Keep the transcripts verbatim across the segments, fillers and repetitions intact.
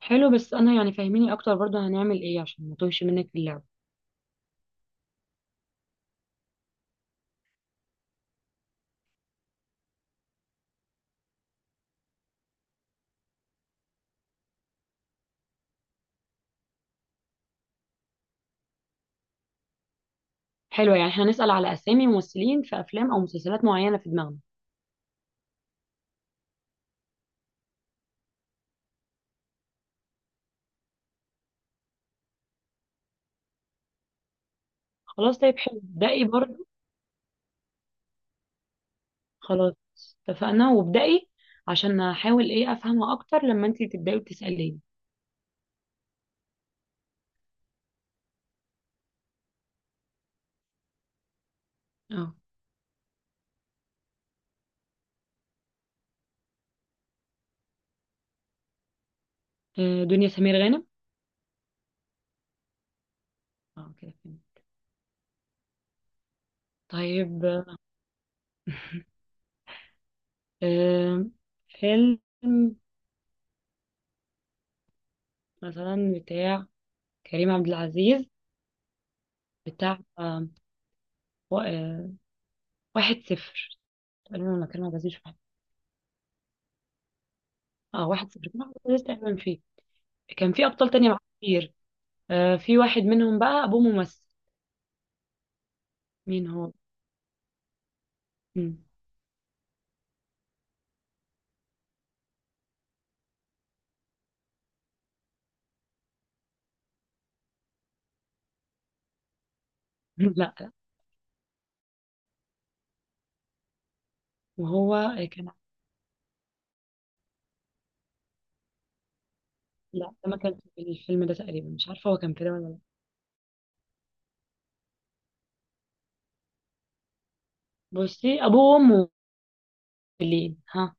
حلو، بس انا يعني فاهميني اكتر برضو، هنعمل ايه عشان ما توهش منك في اللعبه؟ حلو، يعني احنا هنسال على اسامي ممثلين في افلام او مسلسلات معينه في دماغنا. خلاص، طيب حلو، ابدأي برضو. خلاص، اتفقنا وابدأي عشان احاول ايه افهمها اكتر لما انتي تبداي وتساليني. اه. آه، دنيا سمير غانم. اه، كده فهمت. طيب، آه، فيلم مثلا بتاع كريم عبد العزيز. بتاع آه، و- آه، واحد صفر تقريبا، ولا كريم عبد العزيز؟ اه، واحد صفر كان أحمد عز تقريبا فيه. كان في ابطال تانية معاه كتير. آه في واحد منهم بقى ابوه ممثل. مين هو؟ مم. لا، لا. وهو كان. لا، ده ما كان في الفيلم ده تقريبا، مش عارفه هو كان في ده ولا لا. بصي، ابوه وامه ممثلين. ها؟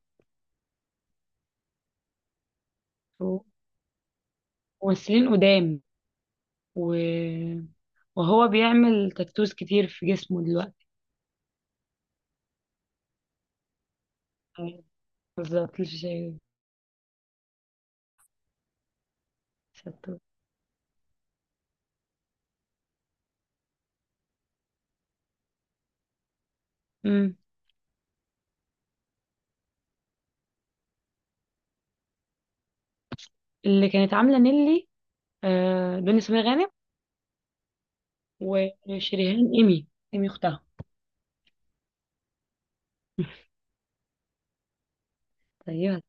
ممثلين قدام و... وهو بيعمل تاتوز كتير في جسمه دلوقتي. آه، بالظبط، مش شايف. ستور. مم. اللي كانت عامله نيلي، آه دنيا سمير غانم. وشريهان، ايمي. ايمي اختها. ايوه.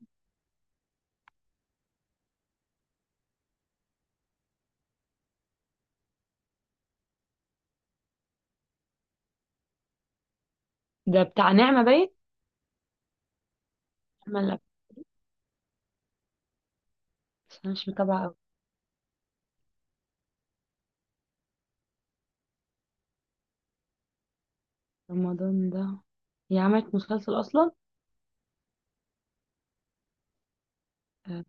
ده بتاع نعمة، باين. ملا. بس انا مش متابعة أوي. رمضان ده؟ هي عملت مسلسل اصلا؟ اه.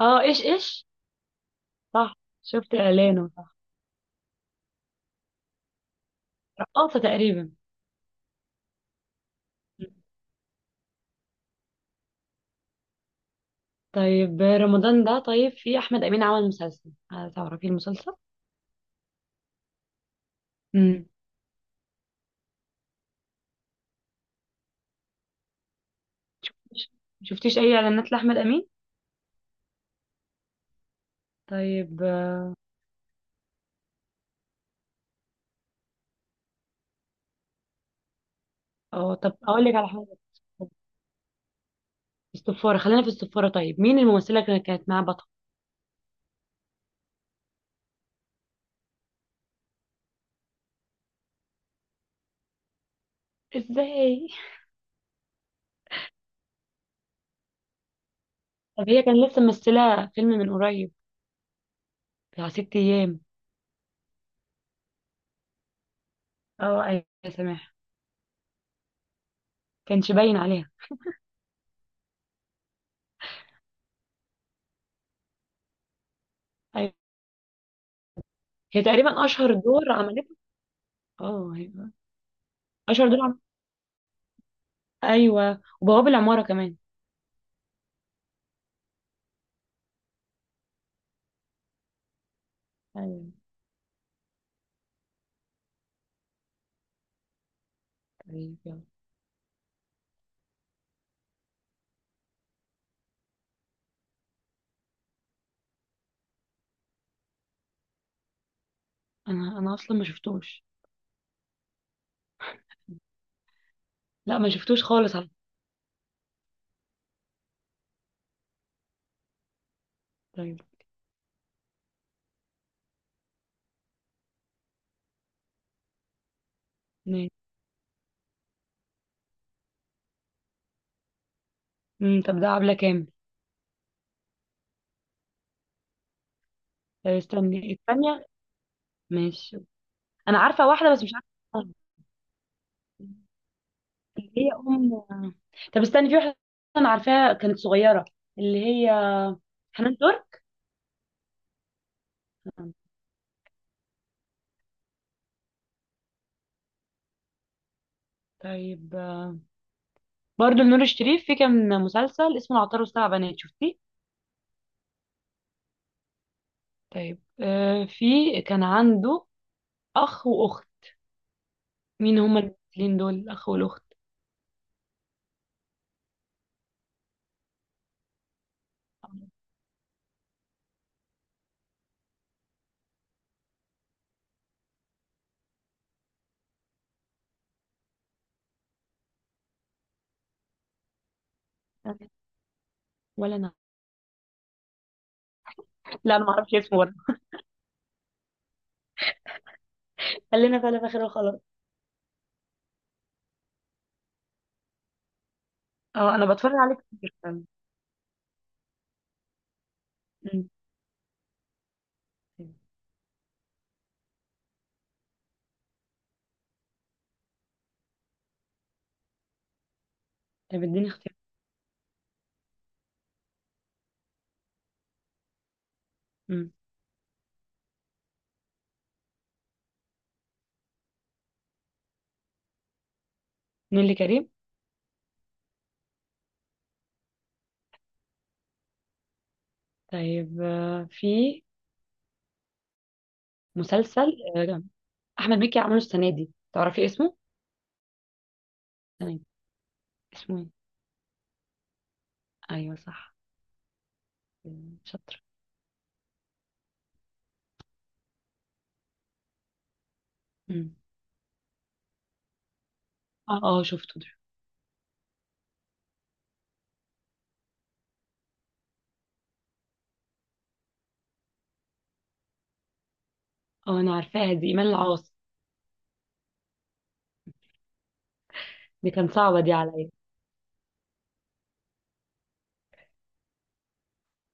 آه، ايش ايش؟ صح، شفت اعلانه صح. رقاصة تقريبا. طيب، رمضان ده، طيب في احمد امين عمل مسلسل، هل تعرفي المسلسل؟ امم. شفتيش اي اعلانات لاحمد امين؟ طيب، اه. آه، طب اقول لك على حاجة. الصفارة، خلينا في الصفارة. طيب مين الممثلة اللي كانت معاه بطل؟ ازاي؟ طب هي كان لسه ممثلة فيلم من قريب، بتاع ست ايام. اه، ايوه، سامح. كانش باين عليها. أيوة. هي تقريبا اشهر دور عملته. اه، أيوة. اشهر دور عملته، ايوه، وبواب العماره كمان. ايوه. طيب يلا. انا انا اصلا ما شفتوش. لا، ما شفتوش خالص على فكرة. طيب، ماشي. أمم، طب ده عبله كامل. طيب، استني الثانيه. ماشي. انا عارفه واحده بس مش عارفه اسمها. اللي هي ام. طب استني، في واحده. انا عارفاها كانت صغيره. اللي هي حنان ترك. طيب، آه، برضو لنور الشريف في كان مسلسل اسمه العطار والسبع بنات، شفتيه؟ طيب، آه في كان عنده اخ واخت. مين هما الاثنين دول، الاخ والاخت؟ ولا انا. لا، انا ما اعرفش اسمه برضه. خلينا في اللي في اخره، خلاص. اه، انا بتفرج عليه كتير فعلا. أمم. طيب، اديني اختيار. أمم. نيللي كريم. طيب، آه في مسلسل آه احمد مكي عمله السنه دي، تعرفي اسمه؟ السنه دي. اسمه ايه؟ ايوه صح. أمم، شاطر. أمم. اه، اه، شفته ده. اه، انا عارفاها دي ايمان العاص. دي كان صعبه دي عليا.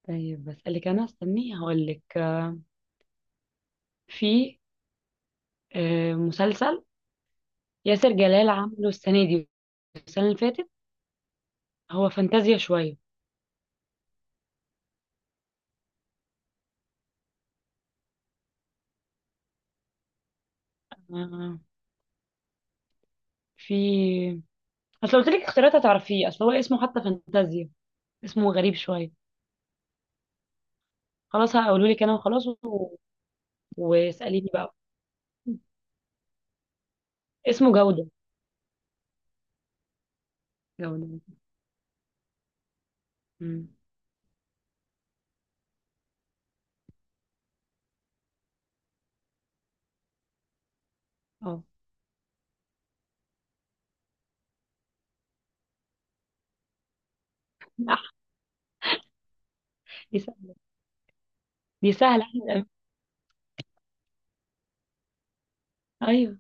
طيب، بسألك أنا، استني هقولك، آه، في آه، مسلسل ياسر جلال عامله السنة دي، السنة اللي فاتت. هو فانتازيا شوية. آه، في أصل قلت لك اختيارات هتعرفيه، أصل هو اسمه حتى فانتازيا. اسمه غريب شوية. خلاص هقوله لك أنا وخلاص و... واسأليني بقى. اسمه جودة. جودة. مم. اه. أح- دي سهلة. دي سهلة، أحمد أمين. أيوه.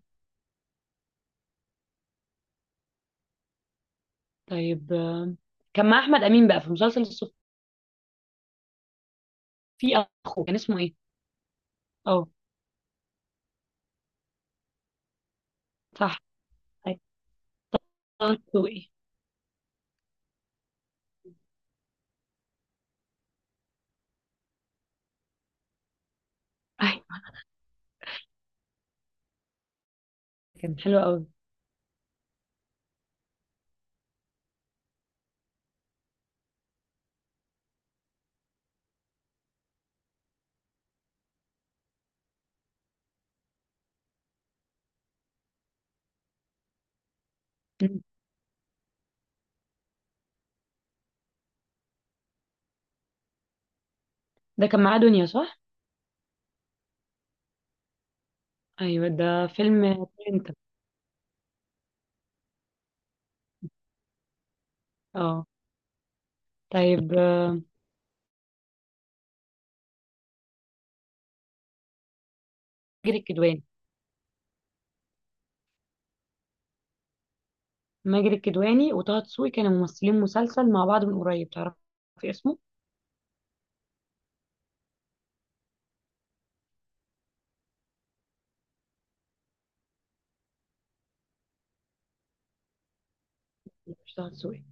طيب، آه، كان مع أحمد أمين بقى في مسلسل الصف. في أخوه كان اسمه إيه؟ اه صح، طه دسوقي. ايوه، كان حلو قوي. مم. ده كان معاه دنيا، صح؟ ايوه، ده فيلم. انت. اه. طيب، آه، ماجد الكدواني. ماجد الكدواني وطه دسوقي كانوا ممثلين مسلسل مع بعض من قريب، تعرفي اسمه؟ لا، مش طه دسوقي.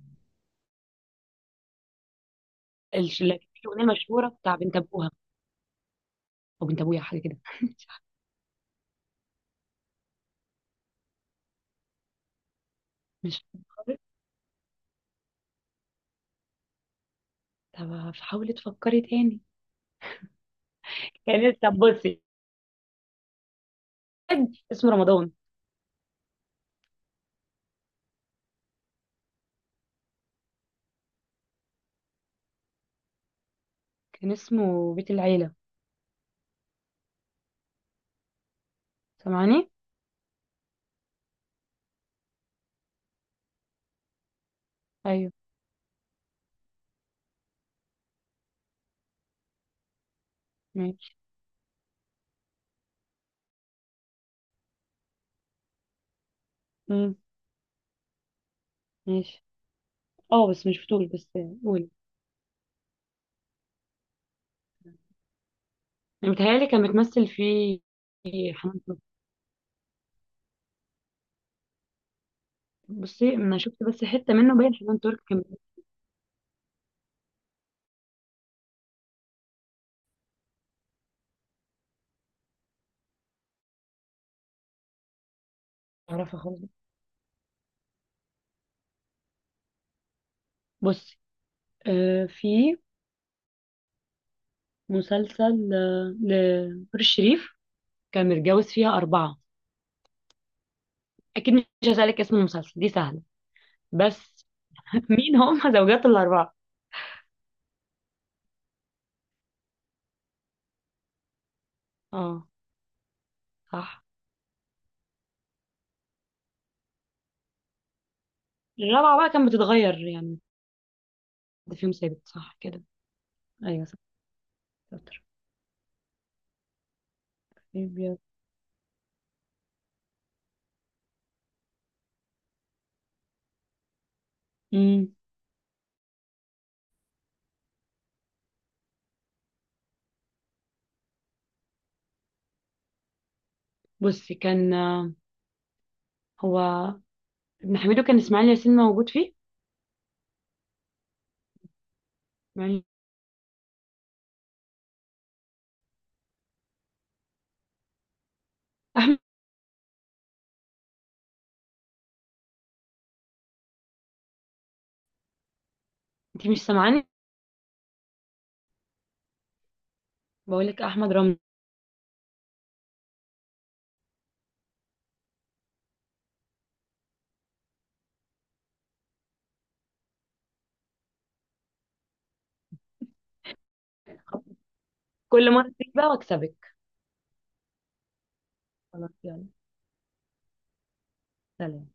الش- لا، في الاغنيه المشهوره بتاع بنت ابوها او بنت ابويا حاجه كده. مش عارفة- مش فاكرة. طب حاولي تفكري تاني. كان. طب بصي، اسمه رمضان. كان اسمه بيت العيله. سامعاني. ايوه. ماشي. مم. ماشي. اه، بس مش بطول، بس. قولي. متهيألي كان بتمثل فيه حنان ترك. بصي، انا شفت بس حتة منه باين حنان ترك كان. بعرفها خالص. بصي، آه في مسلسل آه، لنور الشريف كان متجوز فيها أربعة. أكيد مش هسألك اسم المسلسل، دي سهلة، بس. مين هم زوجات الأربعة؟ اه صح. الرابعة بقى كانت بتتغير يعني. ده فيهم ثابت، صح كده؟ أيوة صح. شاطر. أبيض. أمم، بصي كان آه، هو ابن حميدو كان إسماعيل ياسين موجود فيه. يعني. انت مش سامعاني؟ بقول لك احمد رمزي. كل مره تيجي بقى واكسبك. خلاص، يلا، سلام.